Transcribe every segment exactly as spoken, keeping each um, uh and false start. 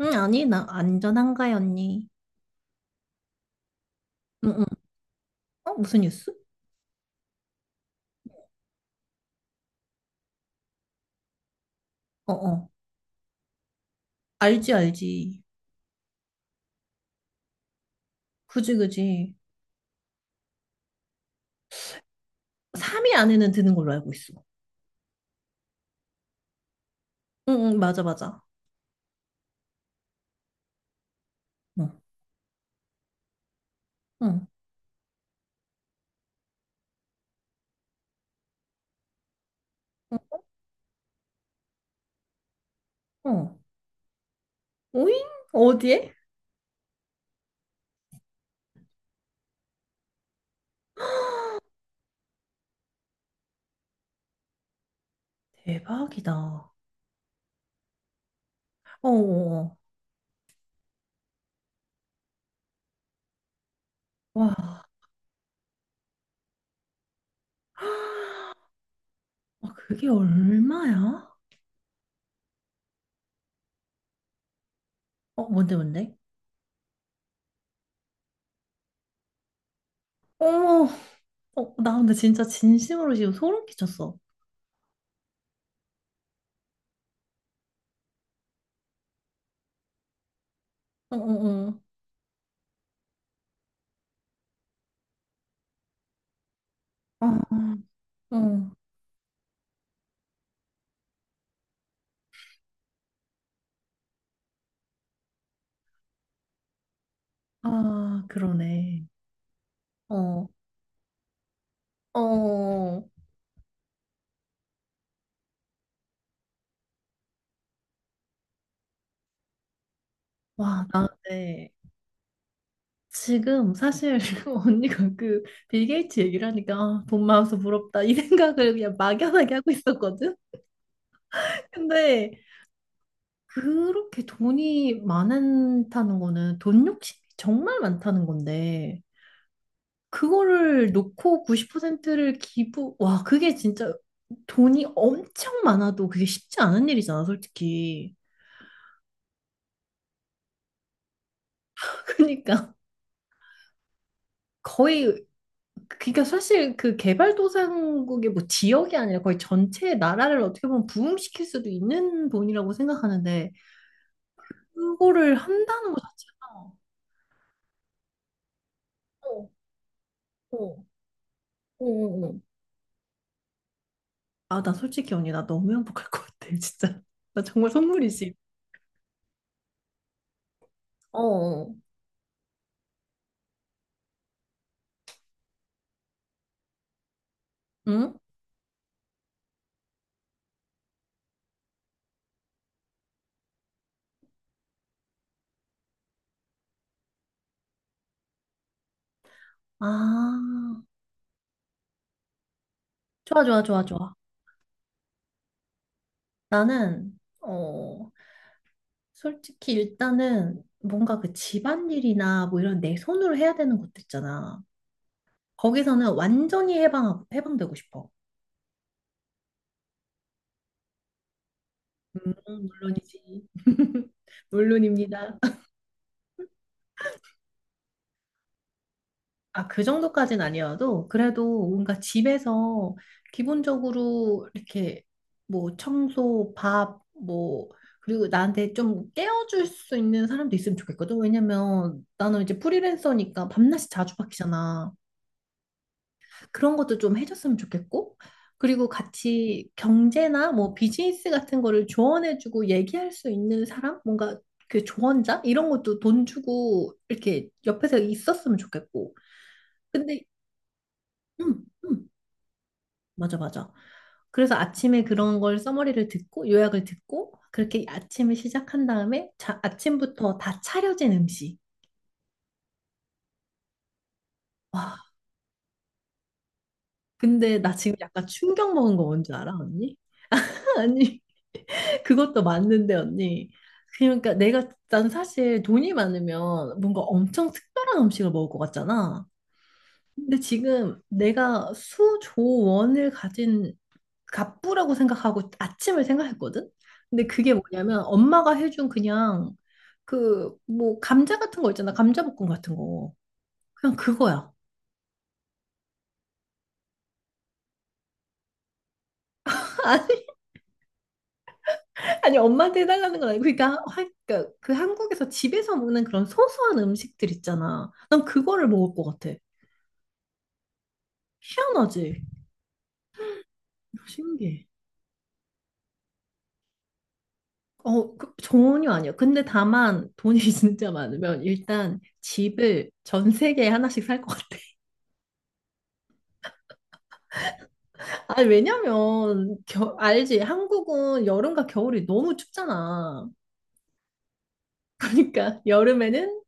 응, 아니, 나 안전한가요, 언니? 응, 응. 어, 무슨 뉴스? 어, 어. 알지, 알지. 그지, 그지. 삼 위 안에는 드는 걸로 알고 있어. 응, 응, 맞아, 맞아. 응, 응, 응, 어. 오잉? 어디에? 대박이다. 어, 어, 어. 와. 아, 그게 얼마야? 어, 뭔데, 뭔데? 어머, 어, 나 근데 진짜 진심으로 지금 소름 끼쳤어. 어, 어, 어. 어, 어. 아, 그러네. 어, 어. 와, 나, 네. 지금 사실 언니가 그 빌 게이츠 얘기를 하니까 아, 돈 많아서 부럽다 이 생각을 그냥 막연하게 하고 있었거든. 근데 그렇게 돈이 많다는 거는 돈 욕심이 정말 많다는 건데 그거를 놓고 구십 퍼센트를 기부, 와, 그게 진짜 돈이 엄청 많아도 그게 쉽지 않은 일이잖아, 솔직히. 그러니까 거의 그러니까 사실 그 개발도상국의 뭐 지역이 아니라 거의 전체 나라를 어떻게 보면 부흥시킬 수도 있는 돈이라고 생각하는데 그거를 한다는 것 자체가 어, 어, 어, 어. 어. 아, 나 솔직히 언니 나 너무 행복할 것 같아 진짜 나 정말 선물이지. 어, 어. 응? 아, 좋아 좋아 좋아 좋아. 나는 어 솔직히 일단은 뭔가 그 집안일이나 뭐 이런 내 손으로 해야 되는 것도 있잖아. 거기서는 완전히 해방, 해방되고 싶어. 음, 물론이지. 물론입니다. 아, 그 정도까진 아니어도 그래도 뭔가 집에서 기본적으로 이렇게 뭐 청소, 밥, 뭐 그리고 나한테 좀 깨워줄 수 있는 사람도 있으면 좋겠거든. 왜냐면 나는 이제 프리랜서니까 밤낮이 자주 바뀌잖아. 그런 것도 좀 해줬으면 좋겠고, 그리고 같이 경제나 뭐 비즈니스 같은 거를 조언해주고 얘기할 수 있는 사람? 뭔가 그 조언자? 이런 것도 돈 주고 이렇게 옆에서 있었으면 좋겠고. 근데, 음, 음, 맞아, 맞아. 그래서 아침에 그런 걸 써머리를 듣고 요약을 듣고 그렇게 아침을 시작한 다음에 자, 아침부터 다 차려진 음식. 와, 근데 나 지금 약간 충격 먹은 거 뭔지 알아, 언니? 아니. 그것도 맞는데 언니. 그러니까 내가 난 사실 돈이 많으면 뭔가 엄청 특별한 음식을 먹을 것 같잖아. 근데 지금 내가 수조원을 가진 갑부라고 생각하고 아침을 생각했거든. 근데 그게 뭐냐면 엄마가 해준 그냥 그 뭐 감자 같은 거 있잖아. 감자볶음 같은 거. 그냥 그거야. 아니, 아니 엄마한테 해달라는 건 아니고 그러니까, 하- 그러니까 그 한국에서 집에서 먹는 그런 소소한 음식들 있잖아. 난 그거를 먹을 것 같아. 희한하지? 신기해. 어, 그- 전혀 아니야. 근데 다만 돈이 진짜 많으면 일단 집을 전 세계에 하나씩 살 것 같아. 아니, 왜냐면, 겨, 알지? 한국은 여름과 겨울이 너무 춥잖아. 그러니까 여름에는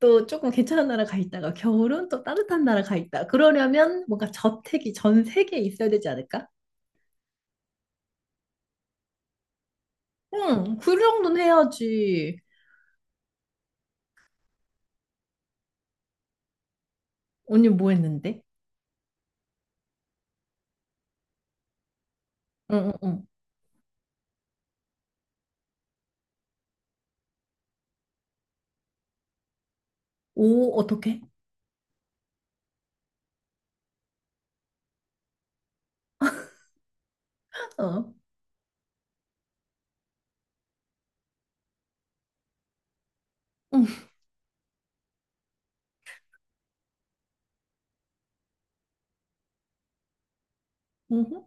또 조금 괜찮은 나라 가 있다가 겨울은 또 따뜻한 나라 가 있다. 그러려면 뭔가 저택이 전 세계에 있어야 되지 않을까? 응, 그 정도는 해야지. 언니 뭐 했는데? 응, 응, 응. 오, 어떻게? 어. 응. 응.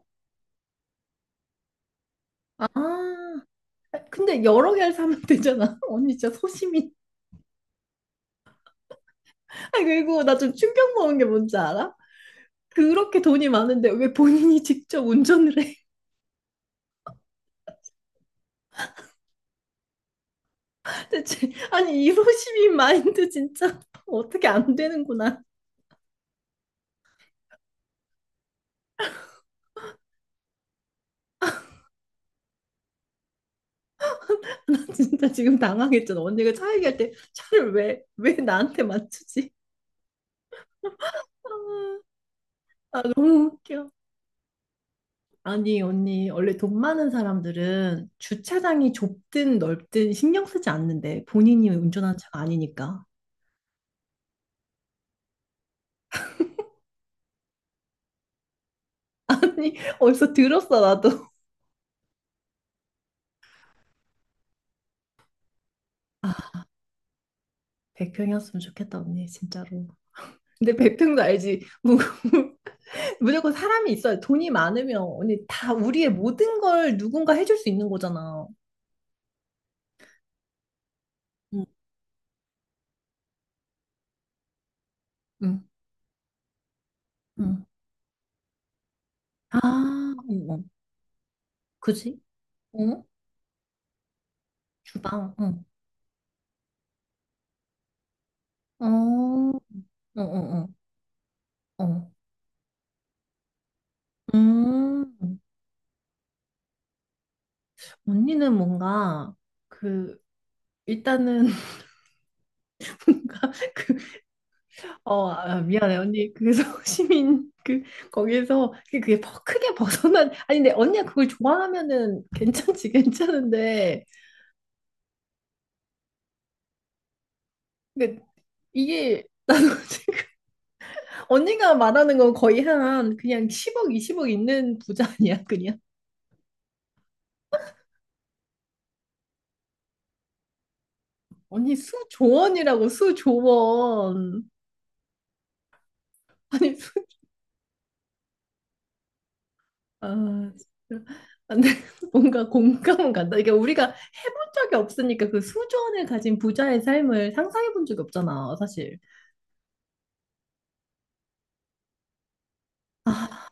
아, 근데 여러 개를 사면 되잖아. 언니 진짜 소심이. 아, 그리고 나 좀 충격 먹은 게 뭔지 알아? 그렇게 돈이 많은데 왜 본인이 직접 운전을 해? 대체, 아니, 이 소심이 마인드 진짜 어떻게 안 되는구나. 나 진짜 지금 당황했잖아. 언니가 차 얘기할 때 차를 왜, 왜 나한테 맞추지? 아, 아, 너무 웃겨. 아니, 언니, 원래 돈 많은 사람들은 주차장이 좁든 넓든 신경 쓰지 않는데 본인이 운전하는 차가 아니니까. 아니, 어디서 들었어, 나도. 아, 백 평이었으면 좋겠다, 언니, 진짜로. 근데 백 평도 알지. 무- 무조건 사람이 있어야 돈이 많으면 언니 다 우리의 모든 걸 누군가 해줄 수 있는 거잖아. 응, 응, 응. 아, 응, 응. 그지? 응? 주방, 응. 어, 응, 응, 응. 어. 음, 언니는 뭔가 그 일단은 뭔가 그 어, 아, 미안해, 언니. 그래서 시민, 그, 거기에서, 그게 그게 벗- 크게 벗어난, 아니, 근데 언니가 그걸 좋아하면은 괜찮지, 괜찮은데. 근데 이게, 나도 지금, 언니가 말하는 건 거의 한, 그냥 십억, 이십억 있는 부자 아니야, 그냥. 언니 수조원이라고, 수조원. 아니, 수, 아, 진짜. 근데 뭔가 공감은 간다. 이게 우리가 해본 적이 없으니까 그 수조원을 가진 부자의 삶을 상상해 본 적이 없잖아, 사실. 아,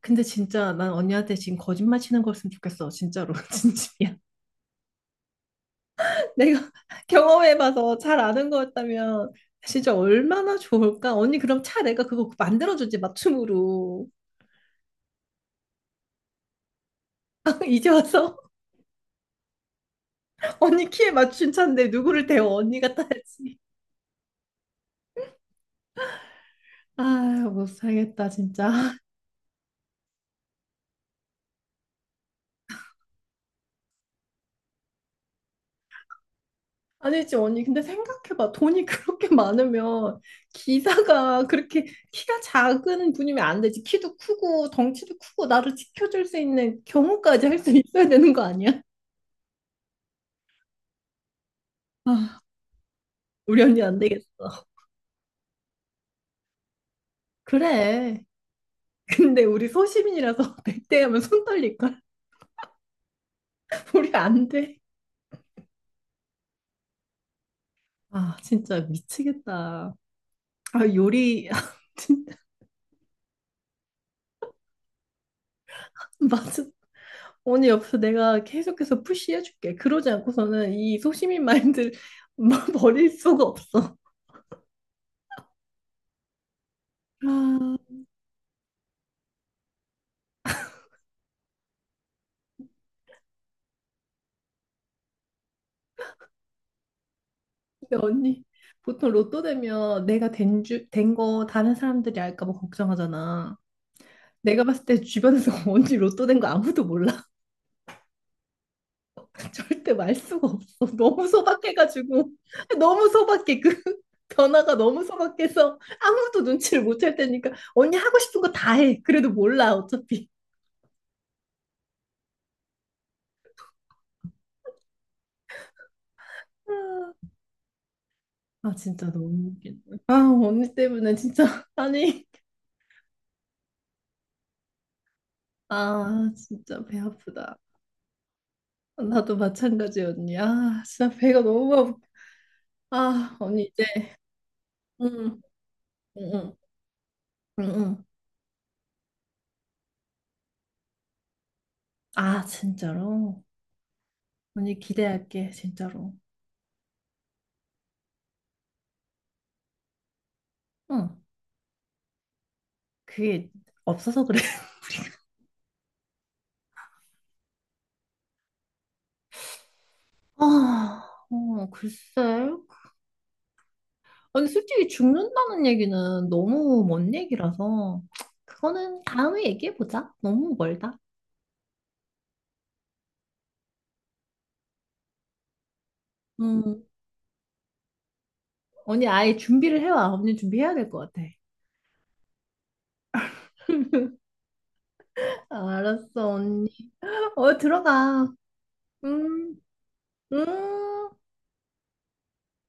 근데 진짜 난 언니한테 지금 거짓말 치는 거였으면 좋겠어. 진짜로. 진심이야. 내가 경험해봐서 잘 아는 거였다면 진짜 얼마나 좋을까? 언니 그럼 차 내가 그거 만들어주지 맞춤으로. 이제 와서 언니 키에 맞춘 차인데 누구를 대워 언니가 타야지. 아, 못 살겠다 진짜. 아니지, 언니. 근데 생각해봐. 돈이 그렇게 많으면 기사가 그렇게 키가 작은 분이면 안 되지. 키도 크고 덩치도 크고 나를 지켜줄 수 있는 경우까지 할 수 있어야 되는 거 아니야? 아, 우리 언니 안 되겠어. 그래. 근데 우리 소시민이라서 백 대 하면 손 떨릴걸? 우리 안 돼. 아, 진짜 미치겠다. 아, 요리. 진짜 맞아. 언니 옆에서 내가 계속해서 푸시해줄게. 그러지 않고서는 이 소시민 마인드를 버릴 수가 없어. 아, 근데 언니 보통 로또 되면 내가 된 주, 된 거 다른 사람들이 알까 봐 걱정하잖아. 내가 봤을 때 주변에서 언니 로또 된 거 아무도 몰라. 절대 말 수가 없어. 너무 소박해가지고 너무 소박해. 그 변화가 너무 소박해서 아무도 눈치를 못챌 테니까 언니 하고 싶은 거 다 해. 그래도 몰라 어차피. 아, 아 진짜 너무 웃긴다. 아 언니 때문에 진짜 아니. 아 진짜 배 아프다. 나도 마찬가지 언니. 아 진짜 배가 너무 아프. 아 언니 이제 응 응 응 응응. 아 진짜로 언니 기대할게 진짜로. 응 그게 없어서 그래. 아, 어, 글쎄. 아니, 솔직히 죽는다는 얘기는 너무 먼 얘기라서, 그거는 다음에 얘기해보자. 너무 멀다. 음. 언니 아예 준비를 해와. 언니 준비해야 될 것 같아. 알았어, 언니. 어, 들어가. 음, 음.